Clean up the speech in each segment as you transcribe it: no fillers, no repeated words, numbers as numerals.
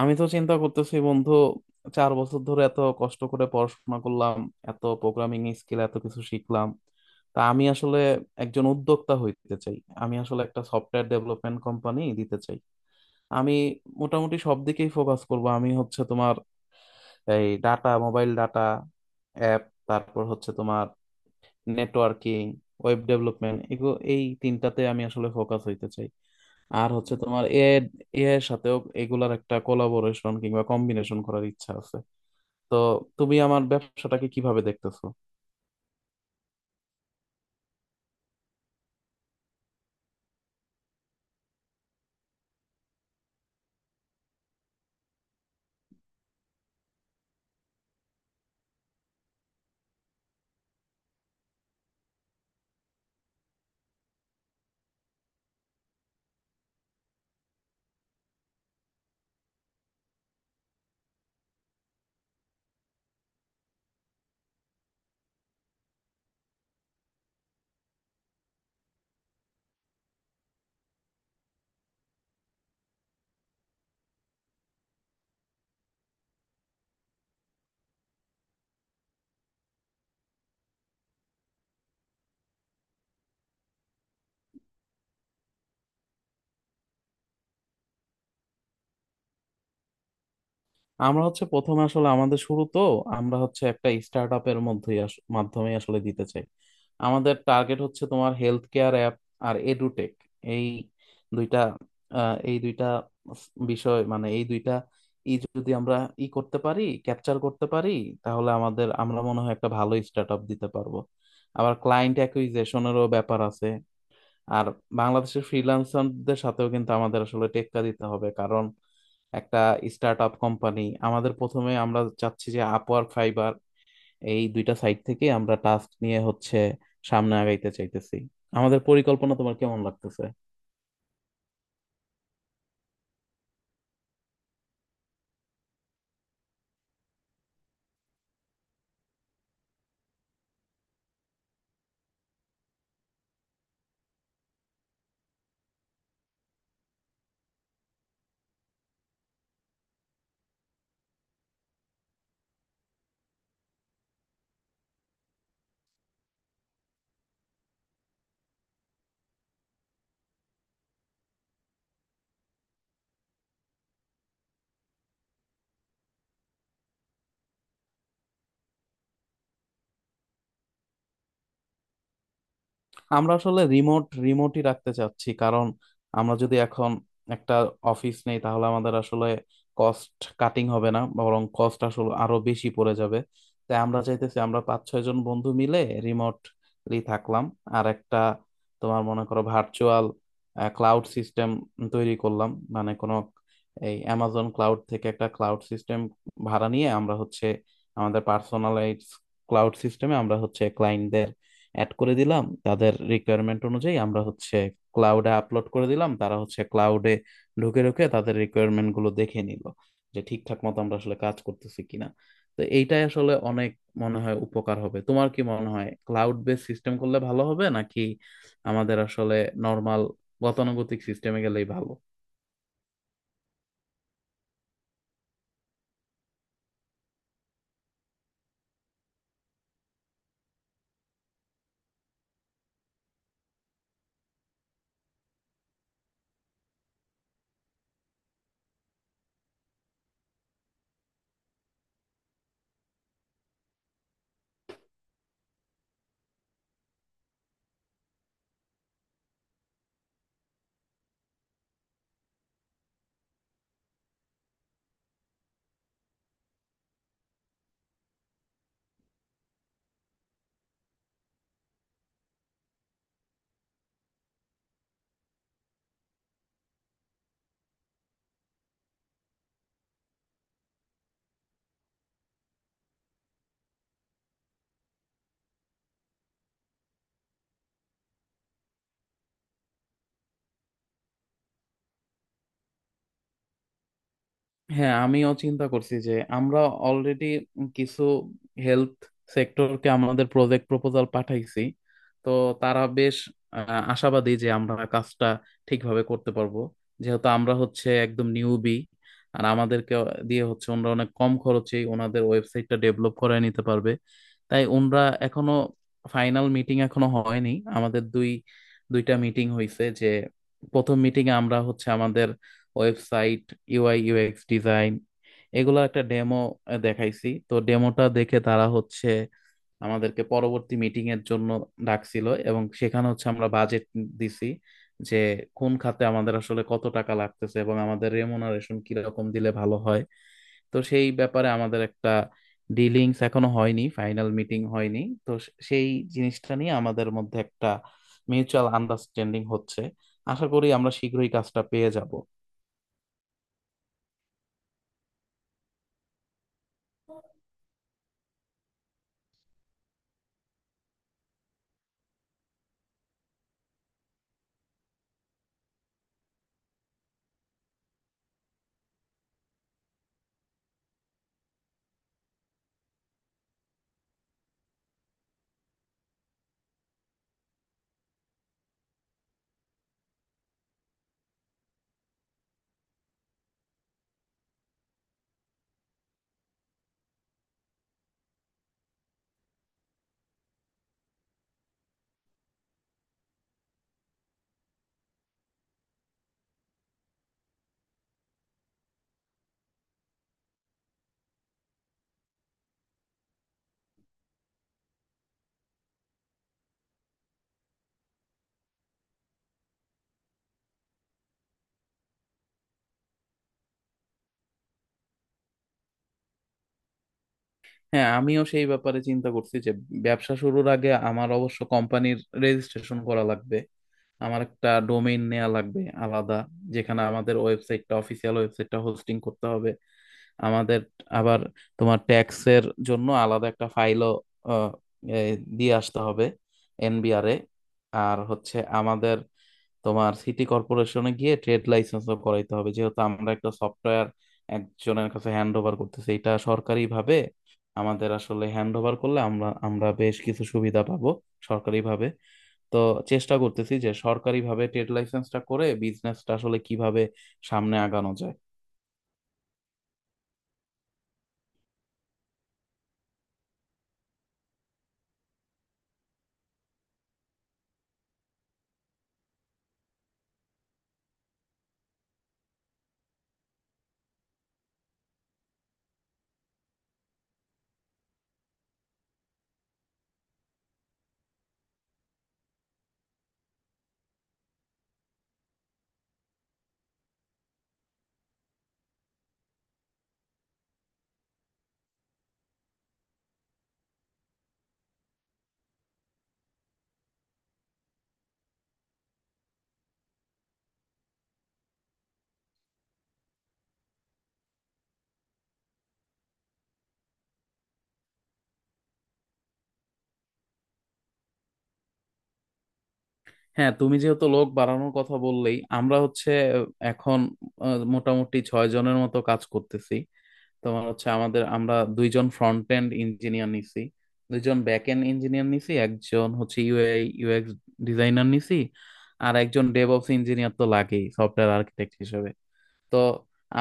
আমি তো চিন্তা করতেছি বন্ধু। 4 বছর ধরে এত কষ্ট করে পড়াশোনা করলাম, এত প্রোগ্রামিং স্কিল এত কিছু শিখলাম। তা আমি আসলে একজন উদ্যোক্তা হইতে চাই। আমি আসলে একটা সফটওয়্যার ডেভেলপমেন্ট কোম্পানি দিতে চাই। আমি মোটামুটি সব দিকেই ফোকাস করব। আমি হচ্ছে তোমার এই ডাটা, মোবাইল ডাটা, অ্যাপ, তারপর হচ্ছে তোমার নেটওয়ার্কিং, ওয়েব ডেভেলপমেন্ট এগুলো, এই তিনটাতে আমি আসলে ফোকাস হইতে চাই। আর হচ্ছে তোমার এ এ এর সাথেও এগুলার একটা কোলাবোরেশন কিংবা কম্বিনেশন করার ইচ্ছা আছে। তো তুমি আমার ব্যবসাটাকে কিভাবে দেখতেছো? আমরা হচ্ছে প্রথমে আসলে আমাদের শুরু তো আমরা হচ্ছে একটা স্টার্ট আপের মধ্যেই মাধ্যমে আসলে দিতে চাই। আমাদের টার্গেট হচ্ছে তোমার হেলথ কেয়ার অ্যাপ আর এডুটেক, এই দুইটা, এই দুইটা বিষয়, মানে এই দুইটা ই যদি আমরা ই করতে পারি, ক্যাপচার করতে পারি, তাহলে আমাদের আমরা মনে হয় একটা ভালো স্টার্ট আপ দিতে পারবো। আবার ক্লায়েন্ট অ্যাকুইজিশনেরও ব্যাপার আছে। আর বাংলাদেশের ফ্রিল্যান্সারদের সাথেও কিন্তু আমাদের আসলে টেক্কা দিতে হবে, কারণ একটা স্টার্ট আপ কোম্পানি আমাদের প্রথমে, আমরা চাচ্ছি যে আপওয়ার্ক, ফাইবার, এই দুইটা সাইট থেকে আমরা টাস্ক নিয়ে হচ্ছে সামনে আগাইতে চাইতেছি। আমাদের পরিকল্পনা তোমার কেমন লাগতেছে? আমরা আসলে রিমোটই রাখতে চাচ্ছি, কারণ আমরা যদি এখন একটা অফিস নেই তাহলে আমাদের আসলে কস্ট কাটিং হবে না, বরং কস্ট আসলে আরো বেশি পড়ে যাবে। তাই আমরা চাইতেছি আমরা পাঁচ ছয় জন বন্ধু মিলে রিমোটলি থাকলাম আর একটা, তোমার মনে করো, ভার্চুয়াল ক্লাউড সিস্টেম তৈরি করলাম। মানে কোনো এই অ্যামাজন ক্লাউড থেকে একটা ক্লাউড সিস্টেম ভাড়া নিয়ে আমরা হচ্ছে আমাদের পার্সোনালাইজ ক্লাউড সিস্টেমে আমরা হচ্ছে ক্লায়েন্টদের অ্যাড করে দিলাম, তাদের রিকোয়ারমেন্ট অনুযায়ী আমরা হচ্ছে ক্লাউডে আপলোড করে দিলাম, তারা হচ্ছে ক্লাউডে ঢুকে ঢুকে তাদের রিকোয়ারমেন্ট গুলো দেখে নিল যে ঠিকঠাক মতো আমরা আসলে কাজ করতেছি কিনা। তো এইটাই আসলে অনেক মনে হয় উপকার হবে। তোমার কি মনে হয় ক্লাউড বেস সিস্টেম করলে ভালো হবে নাকি আমাদের আসলে নর্মাল গতানুগতিক সিস্টেমে গেলেই ভালো? হ্যাঁ, আমিও চিন্তা করছি যে আমরা অলরেডি কিছু হেলথ সেক্টরকে আমাদের প্রজেক্ট প্রপোজাল পাঠাইছি। তো তারা বেশ আশাবাদী যে আমরা কাজটা ঠিকভাবে করতে পারবো, যেহেতু আমরা হচ্ছে একদম নিউবি আর আমাদেরকে দিয়ে হচ্ছে ওনারা অনেক কম খরচে ওনাদের ওয়েবসাইটটা ডেভেলপ করে নিতে পারবে। তাই ওনারা এখনো, ফাইনাল মিটিং এখনো হয়নি, আমাদের দুইটা মিটিং হয়েছে। যে প্রথম মিটিং এ আমরা হচ্ছে আমাদের ওয়েবসাইট, ইউআই ইউএক্স ডিজাইন এগুলো একটা ডেমো দেখাইছি, তো ডেমোটা দেখে তারা হচ্ছে আমাদেরকে পরবর্তী মিটিং এর জন্য ডাকছিল এবং সেখানে হচ্ছে আমরা বাজেট দিছি, যে কোন খাতে আমাদের আসলে কত টাকা লাগতেছে এবং আমাদের রেমুনারেশন কিরকম দিলে ভালো হয়। তো সেই ব্যাপারে আমাদের একটা ডিলিংস এখনো হয়নি, ফাইনাল মিটিং হয়নি। তো সেই জিনিসটা নিয়ে আমাদের মধ্যে একটা মিউচুয়াল আন্ডারস্ট্যান্ডিং হচ্ছে। আশা করি আমরা শীঘ্রই কাজটা পেয়ে যাব। হ্যাঁ, আমিও সেই ব্যাপারে চিন্তা করছি যে ব্যবসা শুরুর আগে আমার অবশ্য কোম্পানির রেজিস্ট্রেশন করা লাগবে। আমার একটা ডোমেইন নেওয়া লাগবে আলাদা, যেখানে আমাদের ওয়েবসাইটটা, অফিসিয়াল ওয়েবসাইটটা হোস্টিং করতে হবে। আমাদের আবার তোমার ট্যাক্সের জন্য আলাদা একটা ফাইলও দিয়ে আসতে হবে এনবিআরে। আর হচ্ছে আমাদের তোমার সিটি কর্পোরেশনে গিয়ে ট্রেড লাইসেন্স করাইতে হবে, যেহেতু আমরা একটা সফটওয়্যার একজনের কাছে হ্যান্ড ওভার করতেছি, এটা সরকারি ভাবে আমাদের আসলে হ্যান্ড ওভার করলে আমরা আমরা বেশ কিছু সুবিধা পাবো সরকারি ভাবে। তো চেষ্টা করতেছি যে সরকারি ভাবে ট্রেড লাইসেন্সটা করে বিজনেসটা আসলে কিভাবে সামনে আগানো যায়। হ্যাঁ, তুমি যেহেতু লোক বাড়ানোর কথা বললেই আমরা হচ্ছে আহ, এখন মোটামুটি ছয় জনের মতো কাজ করতেছি। তোমার হচ্ছে আমাদের, আমরা দুইজন ফ্রন্ট এন্ড ইঞ্জিনিয়ার নিছি, দুইজন ব্যাক এন্ড ইঞ্জিনিয়ার নিছি, একজন হচ্ছে ইউআই ইউএক্স ডিজাইনার নিছি, আর একজন ডেভঅপস ইঞ্জিনিয়ার তো লাগেই সফটওয়্যার আর্কিটেক্ট হিসেবে। তো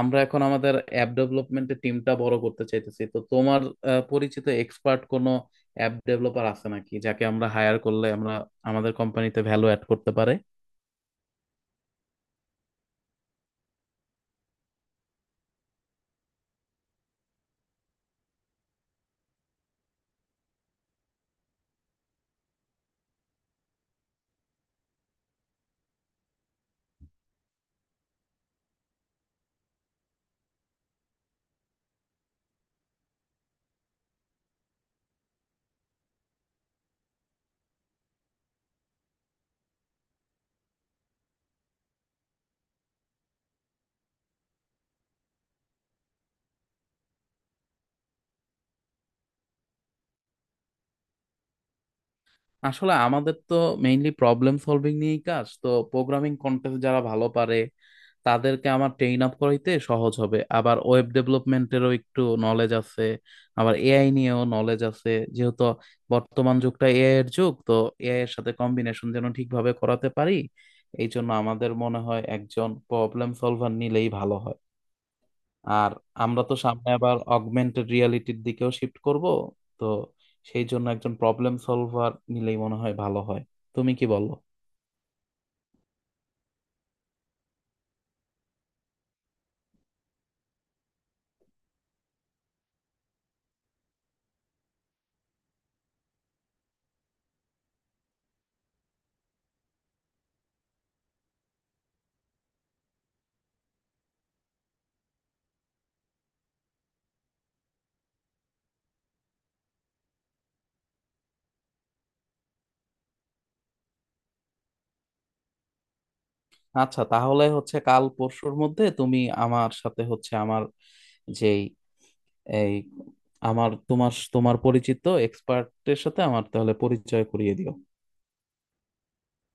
আমরা এখন আমাদের অ্যাপ ডেভেলপমেন্টের টিমটা বড় করতে চাইতেছি। তো তোমার পরিচিত এক্সপার্ট কোনো অ্যাপ ডেভেলপার আছে নাকি, যাকে আমরা হায়ার করলে আমরা আমাদের কোম্পানিতে ভ্যালু অ্যাড করতে পারে? আসলে আমাদের তো মেইনলি প্রবলেম সলভিং নিয়েই কাজ, তো প্রোগ্রামিং কন্টেস্ট যারা ভালো পারে তাদেরকে আমার ট্রেইন আপ করাইতে সহজ হবে। আবার ওয়েব ডেভেলপমেন্টেরও একটু নলেজ আছে, আবার এআই নিয়েও নলেজ আছে। যেহেতু বর্তমান যুগটা এআই এর যুগ, তো এআই এর সাথে কম্বিনেশন যেন ঠিকভাবে করাতে পারি। এই জন্য আমাদের মনে হয় একজন প্রবলেম সলভার নিলেই ভালো হয়। আর আমরা তো সামনে আবার অগমেন্টেড রিয়ালিটির দিকেও শিফট করব। তো সেই জন্য একজন প্রবলেম সলভার নিলেই মনে হয় ভালো হয়। তুমি কি বলো? আচ্ছা, তাহলে হচ্ছে কাল পরশুর মধ্যে তুমি আমার সাথে হচ্ছে আমার যেই এই আমার তোমার তোমার পরিচিত এক্সপার্টের সাথে আমার তাহলে পরিচয় করিয়ে দিও।